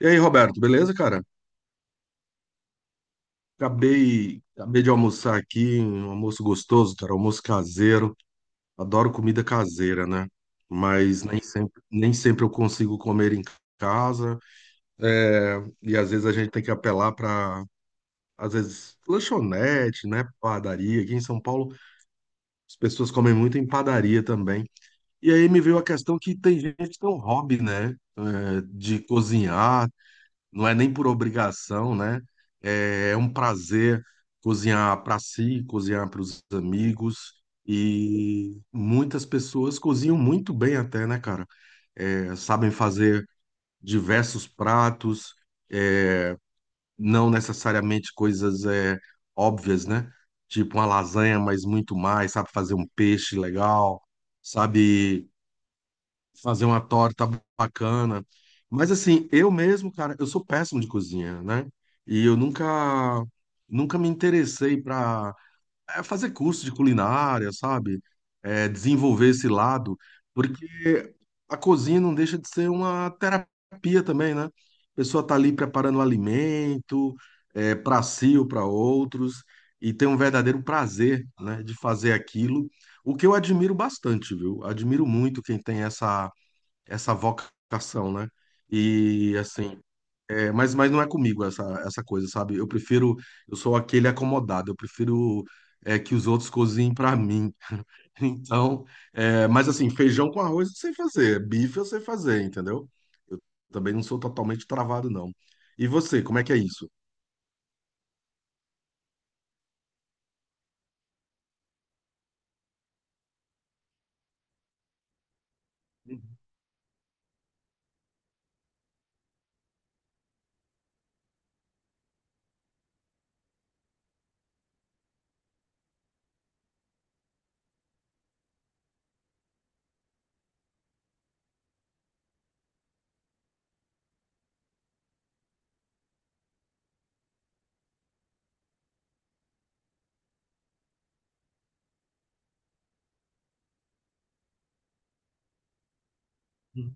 E aí, Roberto, beleza, cara? Acabei de almoçar aqui, um almoço gostoso, cara, almoço caseiro. Adoro comida caseira, né? Mas nem sempre eu consigo comer em casa. E às vezes a gente tem que apelar para, às vezes, lanchonete, né? Padaria. Aqui em São Paulo, as pessoas comem muito em padaria também. E aí me veio a questão que tem gente que tem um hobby, né? De cozinhar, não é nem por obrigação, né? É um prazer cozinhar para si, cozinhar para os amigos. E muitas pessoas cozinham muito bem até, né, cara? É, sabem fazer diversos pratos, é, não necessariamente coisas é, óbvias, né? Tipo uma lasanha, mas muito mais, sabe fazer um peixe legal, sabe fazer uma torta bacana. Mas assim, eu mesmo, cara, eu sou péssimo de cozinha, né? E eu nunca me interessei para fazer curso de culinária, sabe? É, desenvolver esse lado, porque a cozinha não deixa de ser uma terapia também, né? A pessoa tá ali preparando um alimento, é, para si ou para outros, e tem um verdadeiro prazer, né, de fazer aquilo. O que eu admiro bastante, viu? Admiro muito quem tem essa vocação, né? E assim, é, mas não é comigo essa coisa, sabe? Eu prefiro, eu sou aquele acomodado, eu prefiro é, que os outros cozinhem pra mim. Então, é, mas assim, feijão com arroz eu sei fazer, bife eu sei fazer, entendeu? Eu também não sou totalmente travado, não. E você, como é que é isso? Uhum.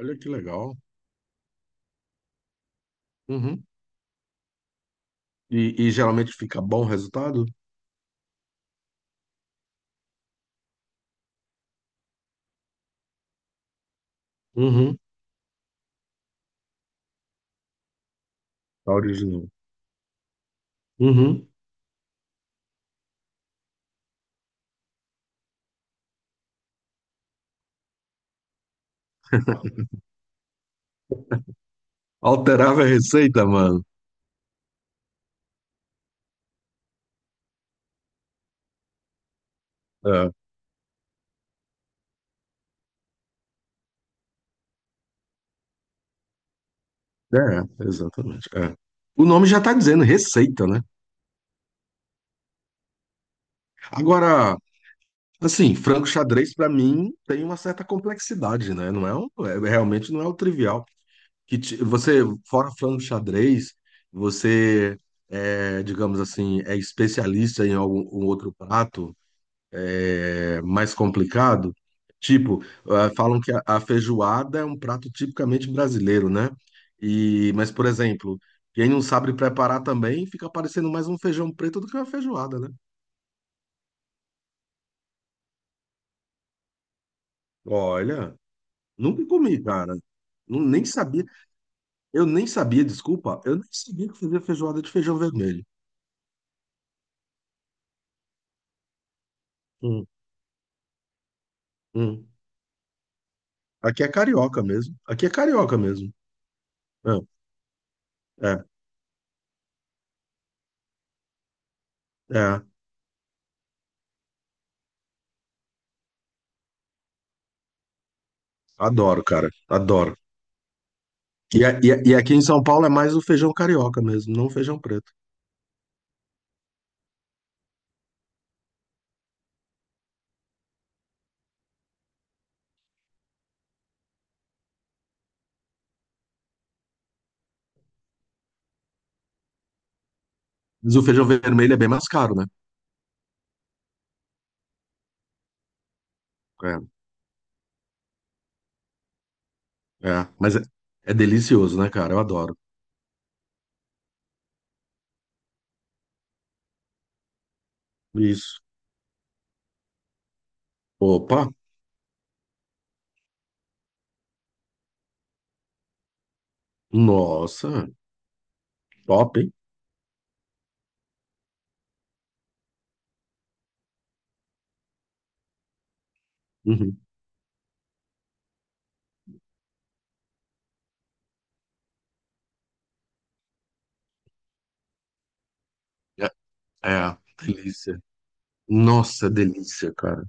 Olha que legal. Uhum. E geralmente fica bom o resultado? Uhum. Tá original. Uhum. Alterava a receita, mano. É, exatamente. É. O nome já está dizendo receita, né? Agora, assim, frango xadrez para mim tem uma certa complexidade, né? Não é, um- é- realmente não é o trivial. Que ti- você fora frango xadrez, você é, digamos assim, é especialista em algum um outro prato é, mais complicado. Tipo, ah, falam que a feijoada é um prato tipicamente brasileiro, né? E, mas, por exemplo, quem não sabe preparar também fica parecendo mais um feijão preto do que uma feijoada, né? Olha, nunca comi, cara. Não, nem sabia. Eu nem sabia, desculpa, eu nem sabia que fazia feijoada de feijão vermelho. Hum, hum. Aqui é carioca mesmo. Aqui é carioca mesmo. É, é, é. Adoro, cara. Adoro. E, a- e, a- e aqui em São Paulo é mais o feijão carioca mesmo, não o feijão preto. Mas o feijão vermelho é bem mais caro, né? É, é. Mas é, é delicioso, né, cara? Eu adoro. Isso. Opa! Nossa, top, hein? Uhum. É, é, delícia. Nossa, delícia, cara.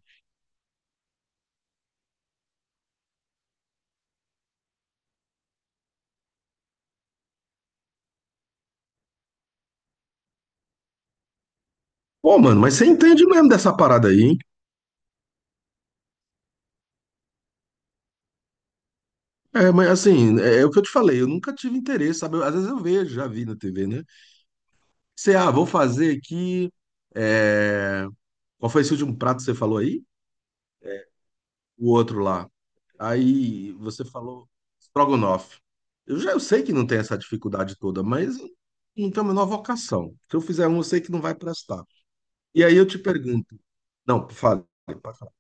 Pô, mano, mas você entende mesmo dessa parada aí, hein? É, mas assim, é, é o que eu te falei, eu nunca tive interesse, sabe? Eu- Às vezes eu vejo, já vi na TV, né? Você ah, vou fazer aqui. É, Qual foi esse último prato que você falou aí? O outro lá. Aí você falou estrogonofe. Eu já eu sei que não tem essa dificuldade toda, mas não tem a menor vocação. Se eu fizer um, eu sei que não vai prestar. E aí eu te pergunto, não, fale, pode falar.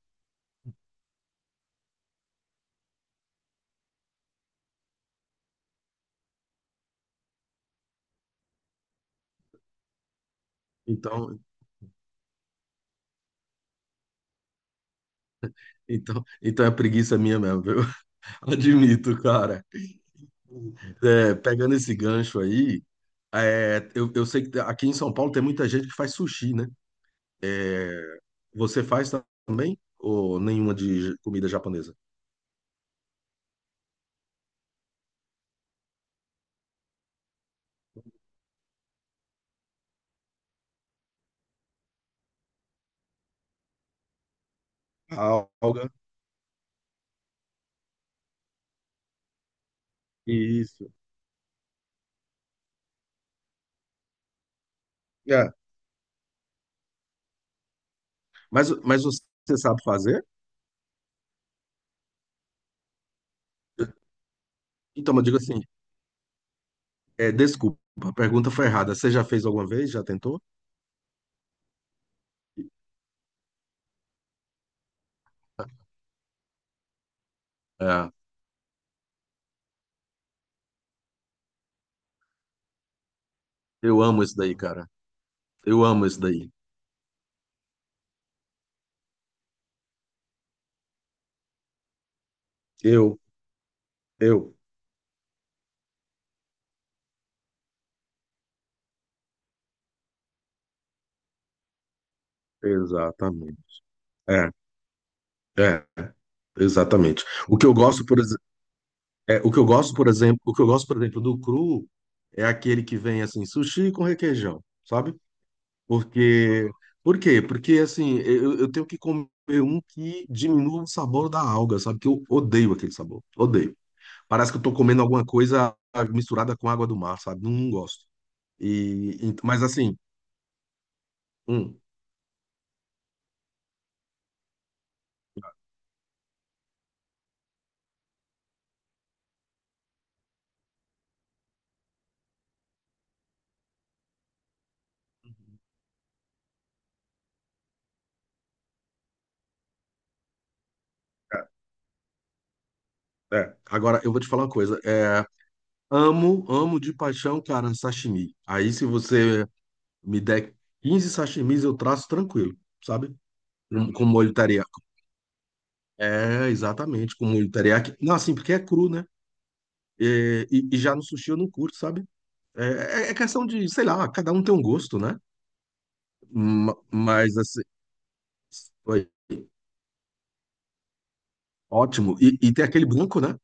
Então, então é preguiça minha mesmo, viu? Admito, cara. É, pegando esse gancho aí, é, eu sei que aqui em São Paulo tem muita gente que faz sushi, né? Você faz também? Ou nenhuma de comida japonesa? A alga. Isso. É, mas você sabe fazer? Então, eu digo assim, é, desculpa, a pergunta foi errada. Você já fez alguma vez? Já tentou? É, eu amo isso daí, cara. Eu amo isso daí. Eu, eu, exatamente. É, é, exatamente. O que eu gosto, por exemplo, o que eu gosto, por exemplo, o que eu gosto, por exemplo, do cru é aquele que vem assim, sushi com requeijão, sabe? Porque, por quê? Porque assim, eu tenho que comer um que diminua o sabor da alga, sabe? Que eu odeio aquele sabor, odeio. Parece que eu tô comendo alguma coisa misturada com água do mar, sabe? Não, não gosto. E- mas assim, hum, é, é. Agora eu vou te falar uma coisa. É, amo, amo de paixão, cara, sashimi. Aí se você me der 15 sashimis, eu traço tranquilo, sabe? Com molho teriyaki. É, exatamente, com molho teriyaki. Não, assim, porque é cru, né? É, E, e já no sushi eu não curto, sabe? É, é é questão de, sei lá, cada um tem um gosto, né? Ma- Mas assim. Oi. Ótimo. E tem aquele branco, né?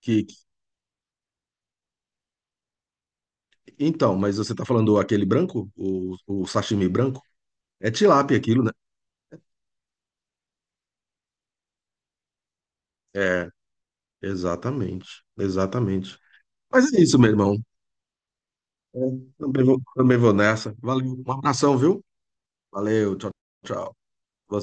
Que- Então, mas você tá falando aquele branco? O sashimi branco? É tilápia aquilo, né? É, exatamente. Exatamente. Mas é isso, meu irmão. É, também vou nessa. Valeu. Um abração, viu? Valeu. Tchau, tchau.